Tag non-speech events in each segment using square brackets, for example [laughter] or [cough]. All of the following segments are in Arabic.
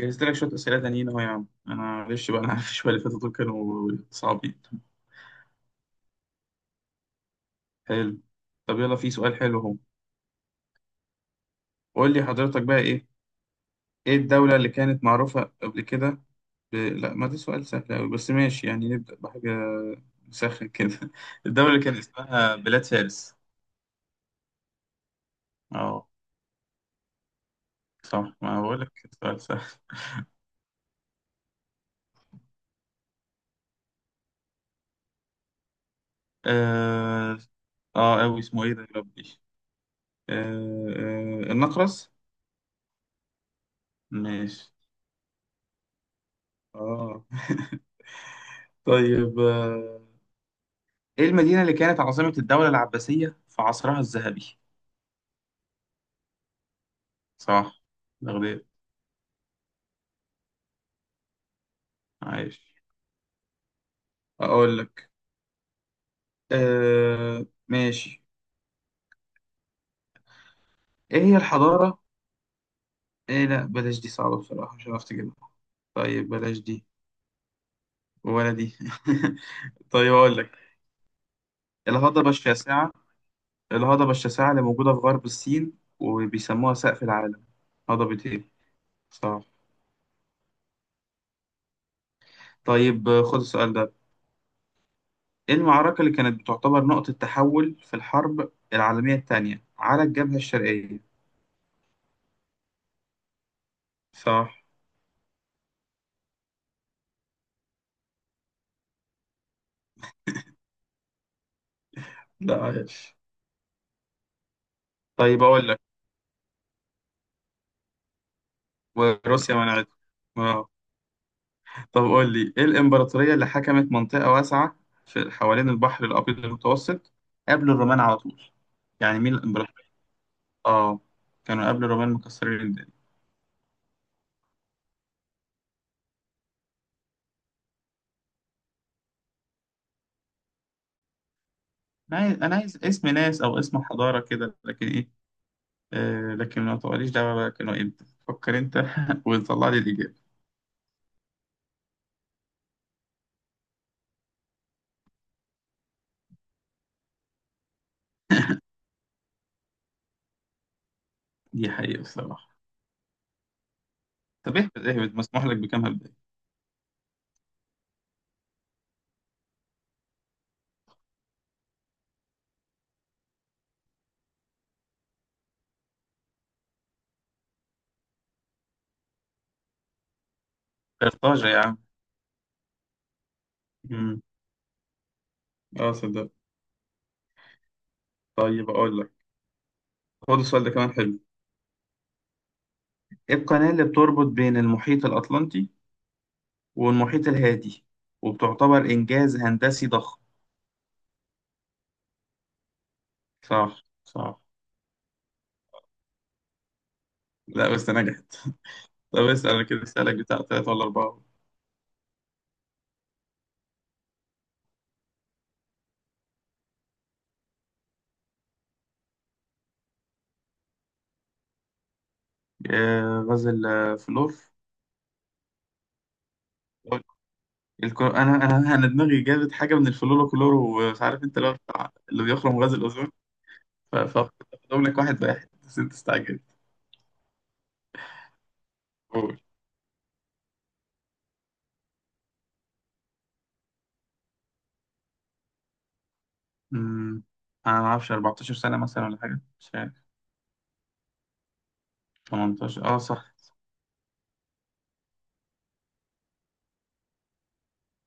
جهزت لك شوية أسئلة تانيين أهو يا عم، أنا معلش بقى. أنا [laughs] عارف شوية اللي فاتوا دول كانوا صعبين. حلو. طب يلا، في سؤال حلو أهو. قول لي حضرتك بقى إيه، إيه الدولة اللي كانت معروفة قبل كده لا، ما ده سؤال سهل أوي، بس ماشي، يعني نبدأ بحاجة سهلة كده. [laughs] الدولة اللي كان اسمها بلاد فارس. أه، صح، ما بقول لك، سؤال سهل. آه. آه أوي اسمه إيه ده يا ربي؟ آه... النقرس. ماشي. أه. طيب، ايه المدينة اللي كانت عاصمة الدولة العباسية في عصرها الذهبي؟ صح، بغداد. عايش. أقول لك. آه، ماشي. إيه هي الحضارة؟ إيه، لأ، بلاش دي، صعبة بصراحة، مش عرفت أجيبها. طيب بلاش دي ولا دي. [laughs] طيب أقول لك، الهضبة الشاسعة، الهضبة الشاسعة اللي موجودة في غرب الصين وبيسموها سقف العالم. هضبة إيه؟ صح. طيب، خد السؤال ده. إيه المعركة اللي كانت بتعتبر نقطة تحول في الحرب العالمية الثانية على الجبهة الشرقية؟ صح. لا، عايش. طيب أقول لك، وروسيا منعته. آه. طب قول لي، إيه الإمبراطورية اللي حكمت منطقة واسعة في حوالين البحر الأبيض المتوسط قبل الرومان على طول؟ يعني مين الإمبراطورية؟ آه، كانوا قبل الرومان مكسرين الدنيا. أنا عايز اسم ناس أو اسم حضارة كده، لكن إيه، آه، لكن ما تقوليش دعوة بقى كانوا إمتى، فكر أنت [laughs] وطلع لي الإجابة. دي حقيقة بصراحة. طب اهبط اهبط، مسموح لك بكام هبداية؟ قرطاجة يا عم. مم. اه صدق. طيب أقول لك، خد السؤال ده كمان حلو. إيه القناة اللي بتربط بين المحيط الأطلنطي والمحيط الهادي وبتعتبر إنجاز هندسي ضخم؟ صح صح. لا، بس نجحت. [laughs] طب اسأل أنا كده، اسألك بتاع تلاتة ولا أربعة. آه، غاز الفلور. أنا دماغي جابت حاجة من الفلوروكلور، ومش عارف أنت لو اللي بيخرم غاز الأوزون. فأقول لك واحد واحد، بس أنت استعجلت. قول. أمم، أنا ما أعرفش، 14 سنة مثلا ولا حاجة، مش عارف. 18، أه صح.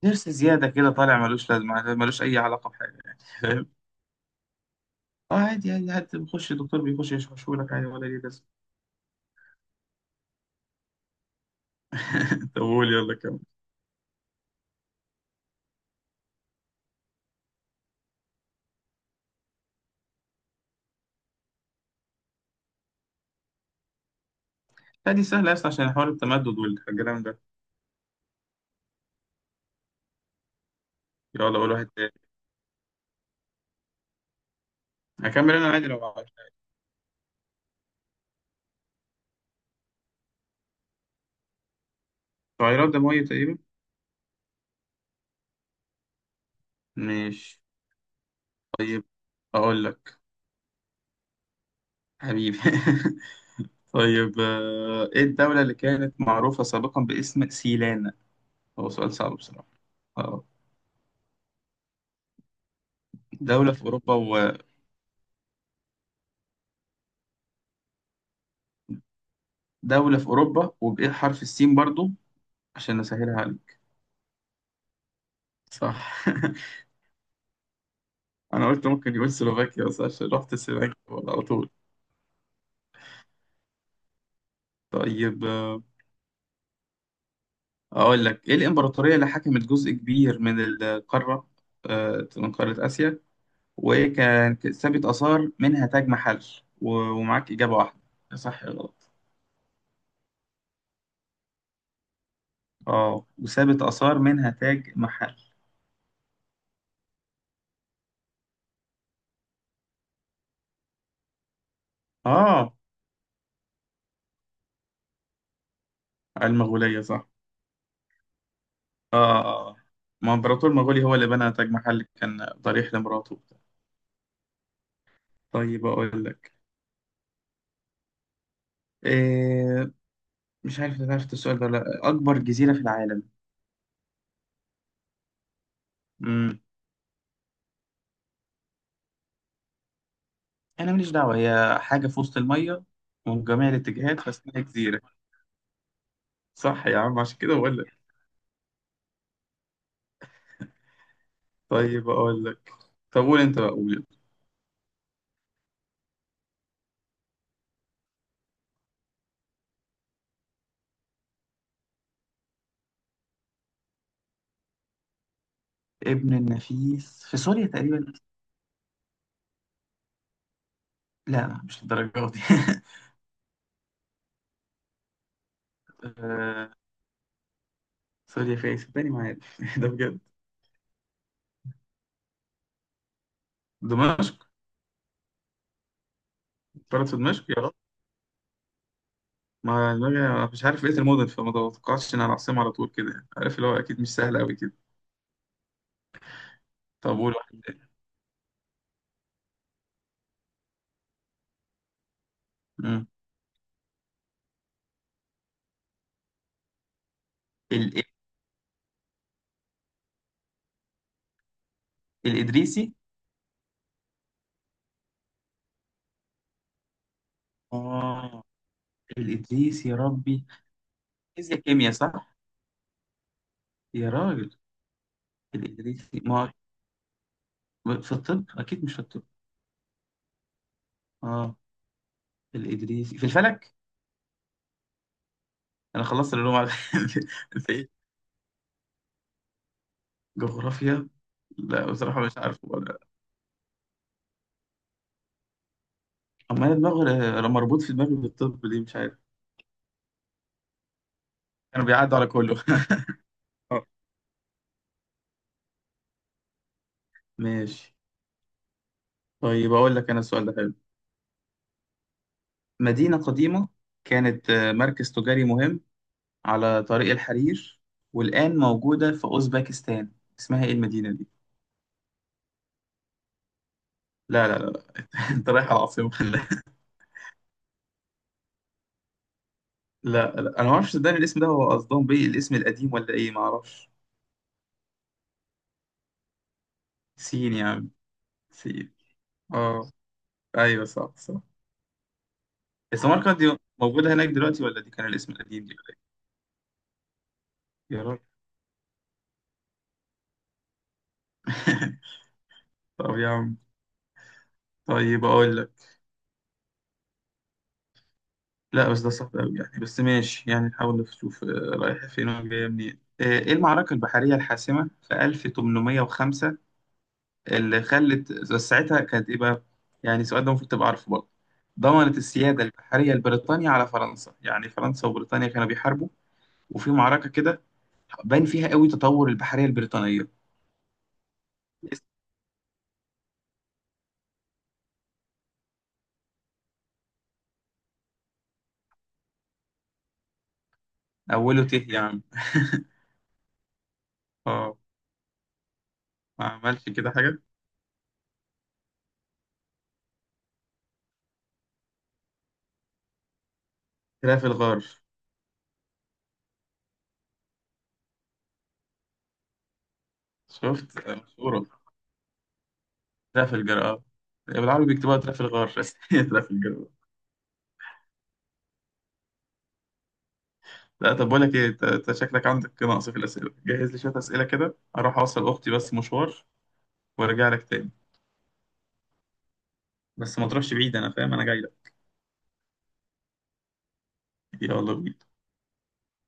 نفس زيادة كده طالع، ملوش لازمة، ملوش أي علاقة بحاجة، يعني فاهم؟ اه، عادي عادي، حتى بيخش الدكتور بيخش يشرحه لك عادي ولا ليه لازمة. [laughs] طب قول، يلا كمل. لا، دي سهلة أصلا، عشان حوار التمدد والكلام ده. يلا قول واحد تاني. هكمل أنا عادي لو عايز. تغيرات دموية تقريبا. مش. طيب أقول لك. حبيبي. [laughs] طيب، إيه الدولة اللي كانت معروفة سابقا باسم سيلانا؟ هو سؤال صعب بصراحة. اه. دولة في أوروبا. ودولة في أوروبا، وبإيه، حرف السين برضو، عشان نسهلها عليك. صح. [laughs] انا قلت ممكن يقول سلوفاكيا، بس عشان رحت سلوفاكيا على طول. طيب، اقول لك، ايه الامبراطوريه اللي حكمت جزء كبير من القاره، من قاره اسيا، وكان سابت اثار منها تاج محل، ومعاك اجابه واحده، يا صح يا غلط. اه، وسابت اثار منها تاج محل. اه، المغوليه صح. اه. آه. آه. ما امبراطور مغولي هو اللي بنى تاج محل، كان ضريح لمراته. طيب اقول لك إيه، مش عارف إذا عرفت السؤال ده ولا لأ. أكبر جزيرة في العالم. مم. أنا ماليش دعوة، هي حاجة في وسط المية، ومن جميع الاتجاهات، فاسمها جزيرة. صح يا عم، عشان كده بقول لك. طيب أقول لك. طب قول أنت بقى، قول. ابن النفيس في سوريا تقريبا. لا لا، مش للدرجة دي. [laughs] آه، سوريا في إيه؟ صدقني ما عارف، [laughs] ده بجد. دمشق. بلد في دمشق يا رب، ما دماغي مش عارف بقية المدن، فما توقعتش إن أنا العاصمة على طول كده يعني. عارف اللي هو، أكيد مش سهل أوي كده. طب قول واحد تاني. مم. ال- الإدريسي. آه الإدريسي يا ربي. فيزياء كيمياء صح؟ يا راجل. الإدريسي، ما في الطب، أكيد مش في الطب. آه، الإدريسي في الفلك. أنا خلصت العلوم على. [laughs] أنت إيه، جغرافيا. لا بصراحة مش عارف ولا. أما أنا دماغي مربوط في دماغي بالطب، دي مش عارف. كانوا بيعدوا على كله. [laughs] آه، ماشي. طيب أقول لك أنا السؤال ده حلو. مدينة قديمة كانت، مركز تجاري مهم على طريق الحرير، والآن موجودة في أوزبكستان. اسمها إيه المدينة دي؟ لا لا لا. [laughs] انت رايح على عاصمة ولا. [laughs] لا لا، انا ما اعرفش، صدقني الاسم ده هو قصدهم بيه الاسم القديم ولا ايه، ما اعرفش. سين يا عم. سين. اه، ايوه صح صح. السماركند دي موجودة هناك دلوقتي، ولا دي كان الاسم القديم دي، ولا ايه؟ يا رب. [laughs] طب يا عم، طيب اقول لك، لا بس ده صعب قوي يعني، بس ماشي يعني نحاول نشوف. رايحة فين وجاية منين، ايه المعركة البحرية الحاسمة في 1805 اللي خلت، بس ساعتها كانت ايه بقى، يعني السؤال ده المفروض تبقى عارفه برضه. ضمنت السيادة البحرية لبريطانيا على فرنسا، يعني فرنسا وبريطانيا كانوا بيحاربوا وفي معركة كده بان فيها قوي تطور البحرية البريطانية. اسم أوله ت يعني. [laughs] اه. ما عملش كده حاجة. تراف الغار. شفت؟ مشهورة. تراف الجر اه، بالعربي بيكتبوها تراف الغار، بس [laughs] هي تراف الجر. آه. لا طب، بقول لك ايه، انت أنت شكلك عندك نقص في الأسئلة، جهز لي شوية أسئلة كده، أروح أوصل أختي بس مشوار وأرجع لك تاني. بس ما تروحش بعيد، انا فاهم، انا جاي لك. كتير والله.